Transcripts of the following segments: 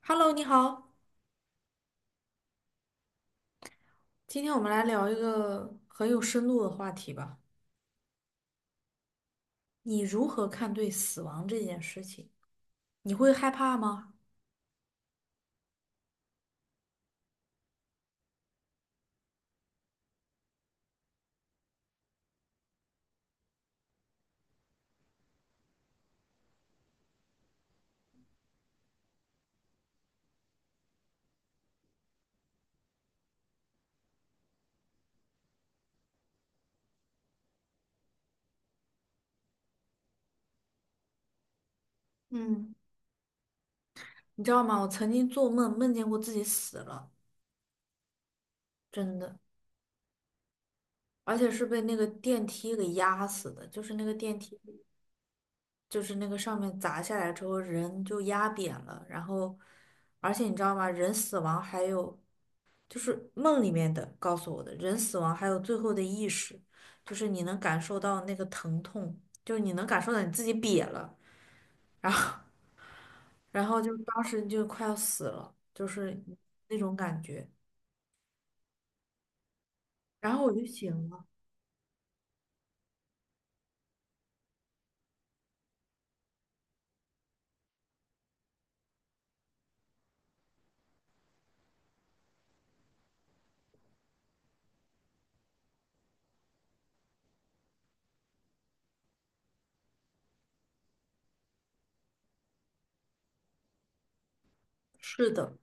Hello,你好，今天我们来聊一个很有深度的话题吧。你如何看对死亡这件事情？你会害怕吗？嗯，你知道吗？我曾经做梦梦见过自己死了，真的，而且是被那个电梯给压死的，就是那个电梯，就是那个上面砸下来之后，人就压扁了，然后，而且你知道吗？人死亡还有就是梦里面的告诉我的，人死亡还有最后的意识，就是你能感受到那个疼痛，就是你能感受到你自己瘪了，然后然后就当时就快要死了，就是那种感觉。然后我就醒了。是的，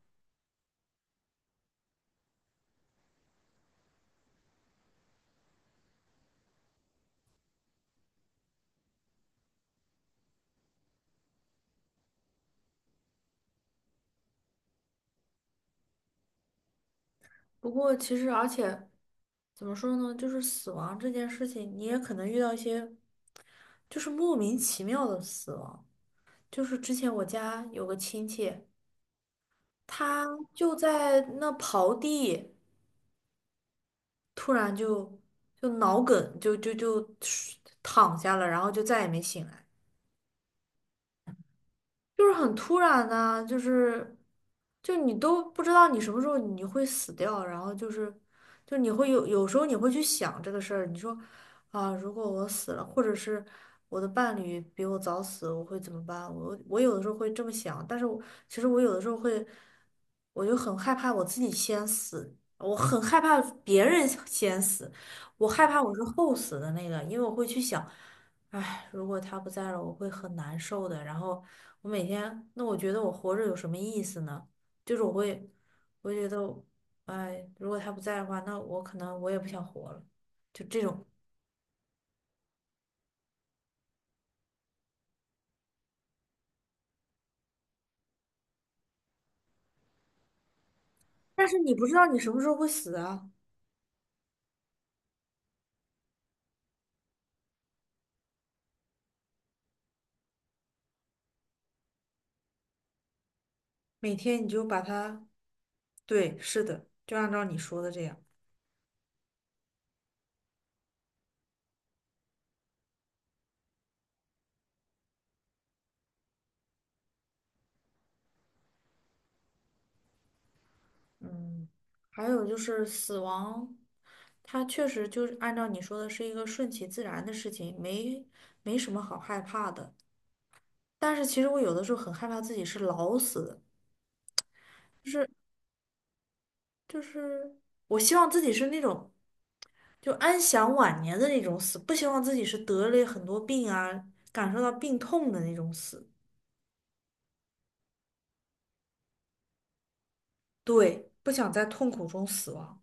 不过其实而且怎么说呢，就是死亡这件事情，你也可能遇到一些就是莫名其妙的死亡。就是之前我家有个亲戚，他就在那刨地。突然就脑梗，就躺下了，然后就再也没醒来。就是很突然啊，就是就你都不知道你什么时候你会死掉，然后就是就你会有时候你会去想这个事儿，你说啊，如果我死了，或者是我的伴侣比我早死，我会怎么办？我有的时候会这么想，但是我其实有的时候会，我就很害怕我自己先死。我很害怕别人先死，我害怕我是后死的那个，因为我会去想。唉，如果他不在了，我会很难受的。然后我每天，那我觉得我活着有什么意思呢？就是我会，我觉得唉，如果他不在的话，那我可能也不想活了。就这种，但是你不知道你什么时候会死啊。每天你就把它，对，是的，就按照你说的这样。嗯，还有就是死亡，它确实就是按照你说的是一个顺其自然的事情，没没什么好害怕的。但是其实我有的时候很害怕自己是老死的，就是就是我希望自己是那种就安享晚年的那种死，不希望自己是得了很多病啊，感受到病痛的那种死。对，不想在痛苦中死亡。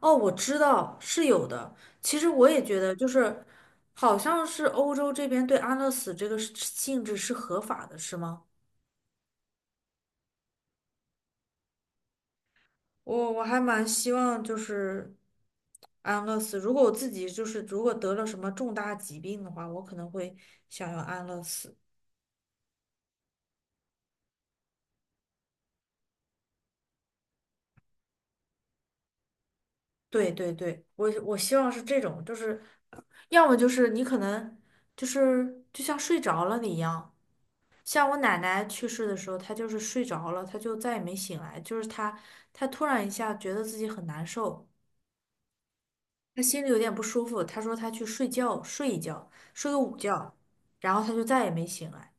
哦，我知道是有的。其实我也觉得，就是好像是欧洲这边对安乐死这个是性质是合法的，是吗？我还蛮希望就是安乐死。如果我自己就是如果得了什么重大疾病的话，我可能会想要安乐死。对对对，我希望是这种，就是要么就是你可能就是就像睡着了你一样，像我奶奶去世的时候，她就是睡着了，她就再也没醒来，就是她突然一下觉得自己很难受，她心里有点不舒服，她说她去睡觉睡一觉，睡个午觉，然后她就再也没醒来。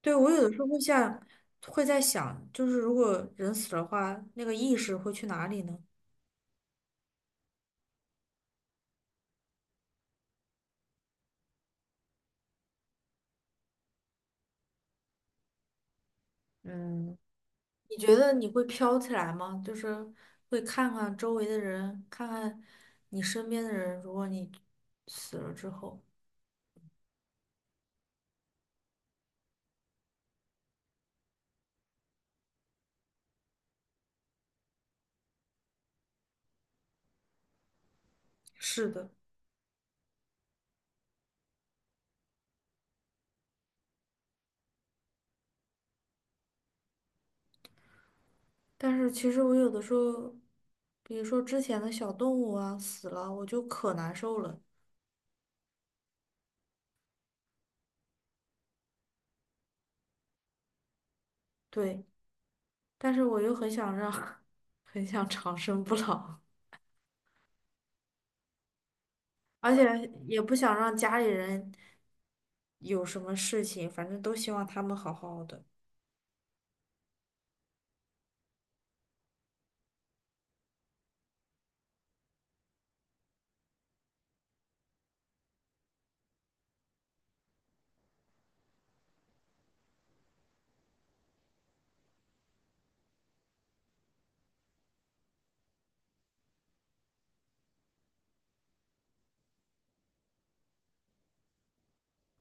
对，我有的时候会像，会在想，就是如果人死了的话，那个意识会去哪里呢？嗯，你觉得你会飘起来吗？就是会看看周围的人，看看你身边的人，如果你死了之后。是的，但是其实我有的时候，比如说之前的小动物啊死了，我就可难受了。对，但是我又很想让，很想长生不老，而且也不想让家里人有什么事情，反正都希望他们好好的。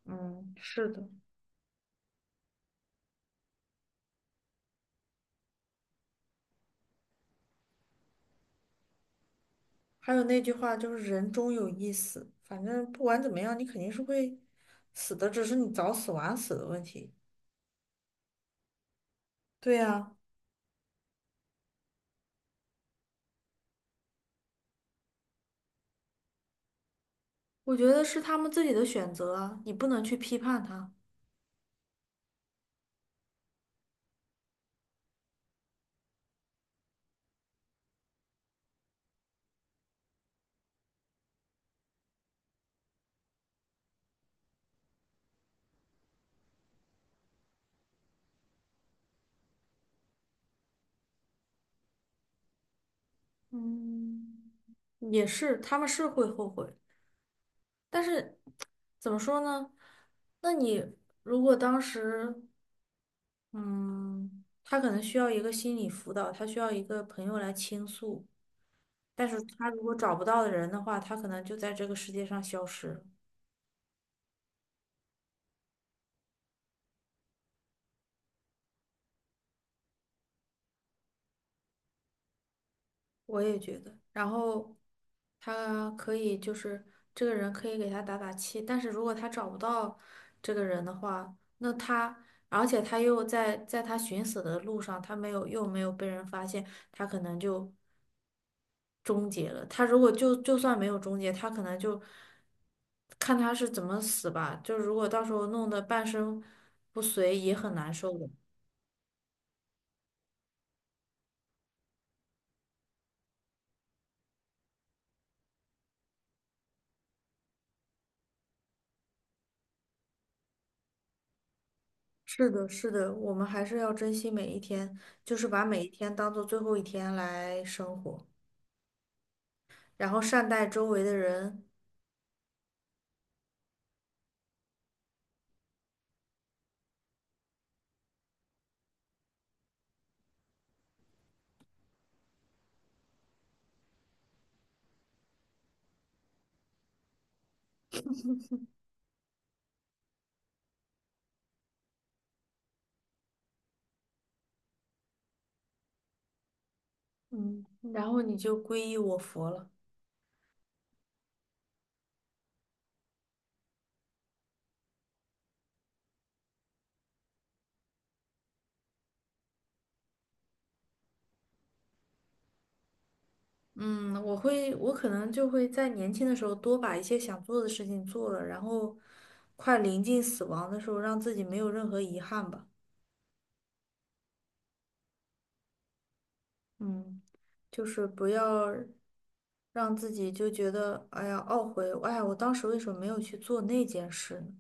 嗯，是的。还有那句话就是"人终有一死"，反正不管怎么样，你肯定是会死的，只是你早死晚死的问题。对呀，我觉得是他们自己的选择啊，你不能去批判他。嗯，也是，他们是会后悔，但是怎么说呢？那你如果当时，嗯，他可能需要一个心理辅导，他需要一个朋友来倾诉。但是他如果找不到的人的话，他可能就在这个世界上消失了。我也觉得，然后他可以就是这个人可以给他打打气，但是如果他找不到这个人的话，那他而且他又在他寻死的路上，他没有又没有被人发现，他可能就终结了。他如果就算没有终结，他可能就看他是怎么死吧。就如果到时候弄得半身不遂，也很难受的。是的，是的，我们还是要珍惜每一天，就是把每一天当做最后一天来生活，然后善待周围的人，嗯，然后你就皈依我佛了。嗯，我会，我可能就会在年轻的时候多把一些想做的事情做了，然后快临近死亡的时候，让自己没有任何遗憾吧。嗯，就是不要让自己就觉得，哎呀，懊悔，哎呀，我当时为什么没有去做那件事呢？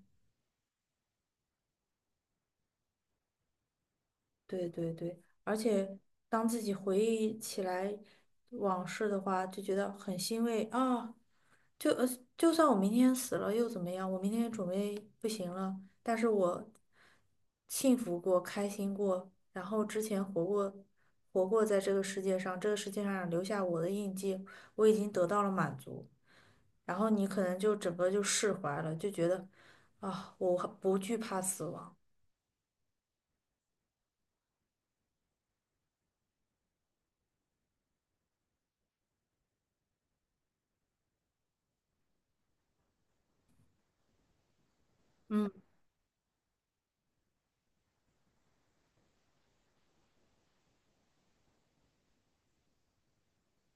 对对对，而且当自己回忆起来往事的话，就觉得很欣慰啊。就就算我明天死了又怎么样？我明天准备不行了，但是我幸福过、开心过，然后之前活过、活过在这个世界上，这个世界上留下我的印记，我已经得到了满足。然后你可能就整个就释怀了，就觉得啊，我不惧怕死亡。嗯，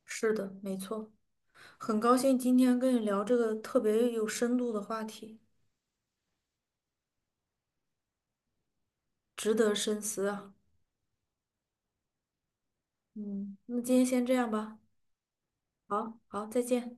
是的，没错。很高兴今天跟你聊这个特别有深度的话题，值得深思啊。嗯，那今天先这样吧。好，好，再见。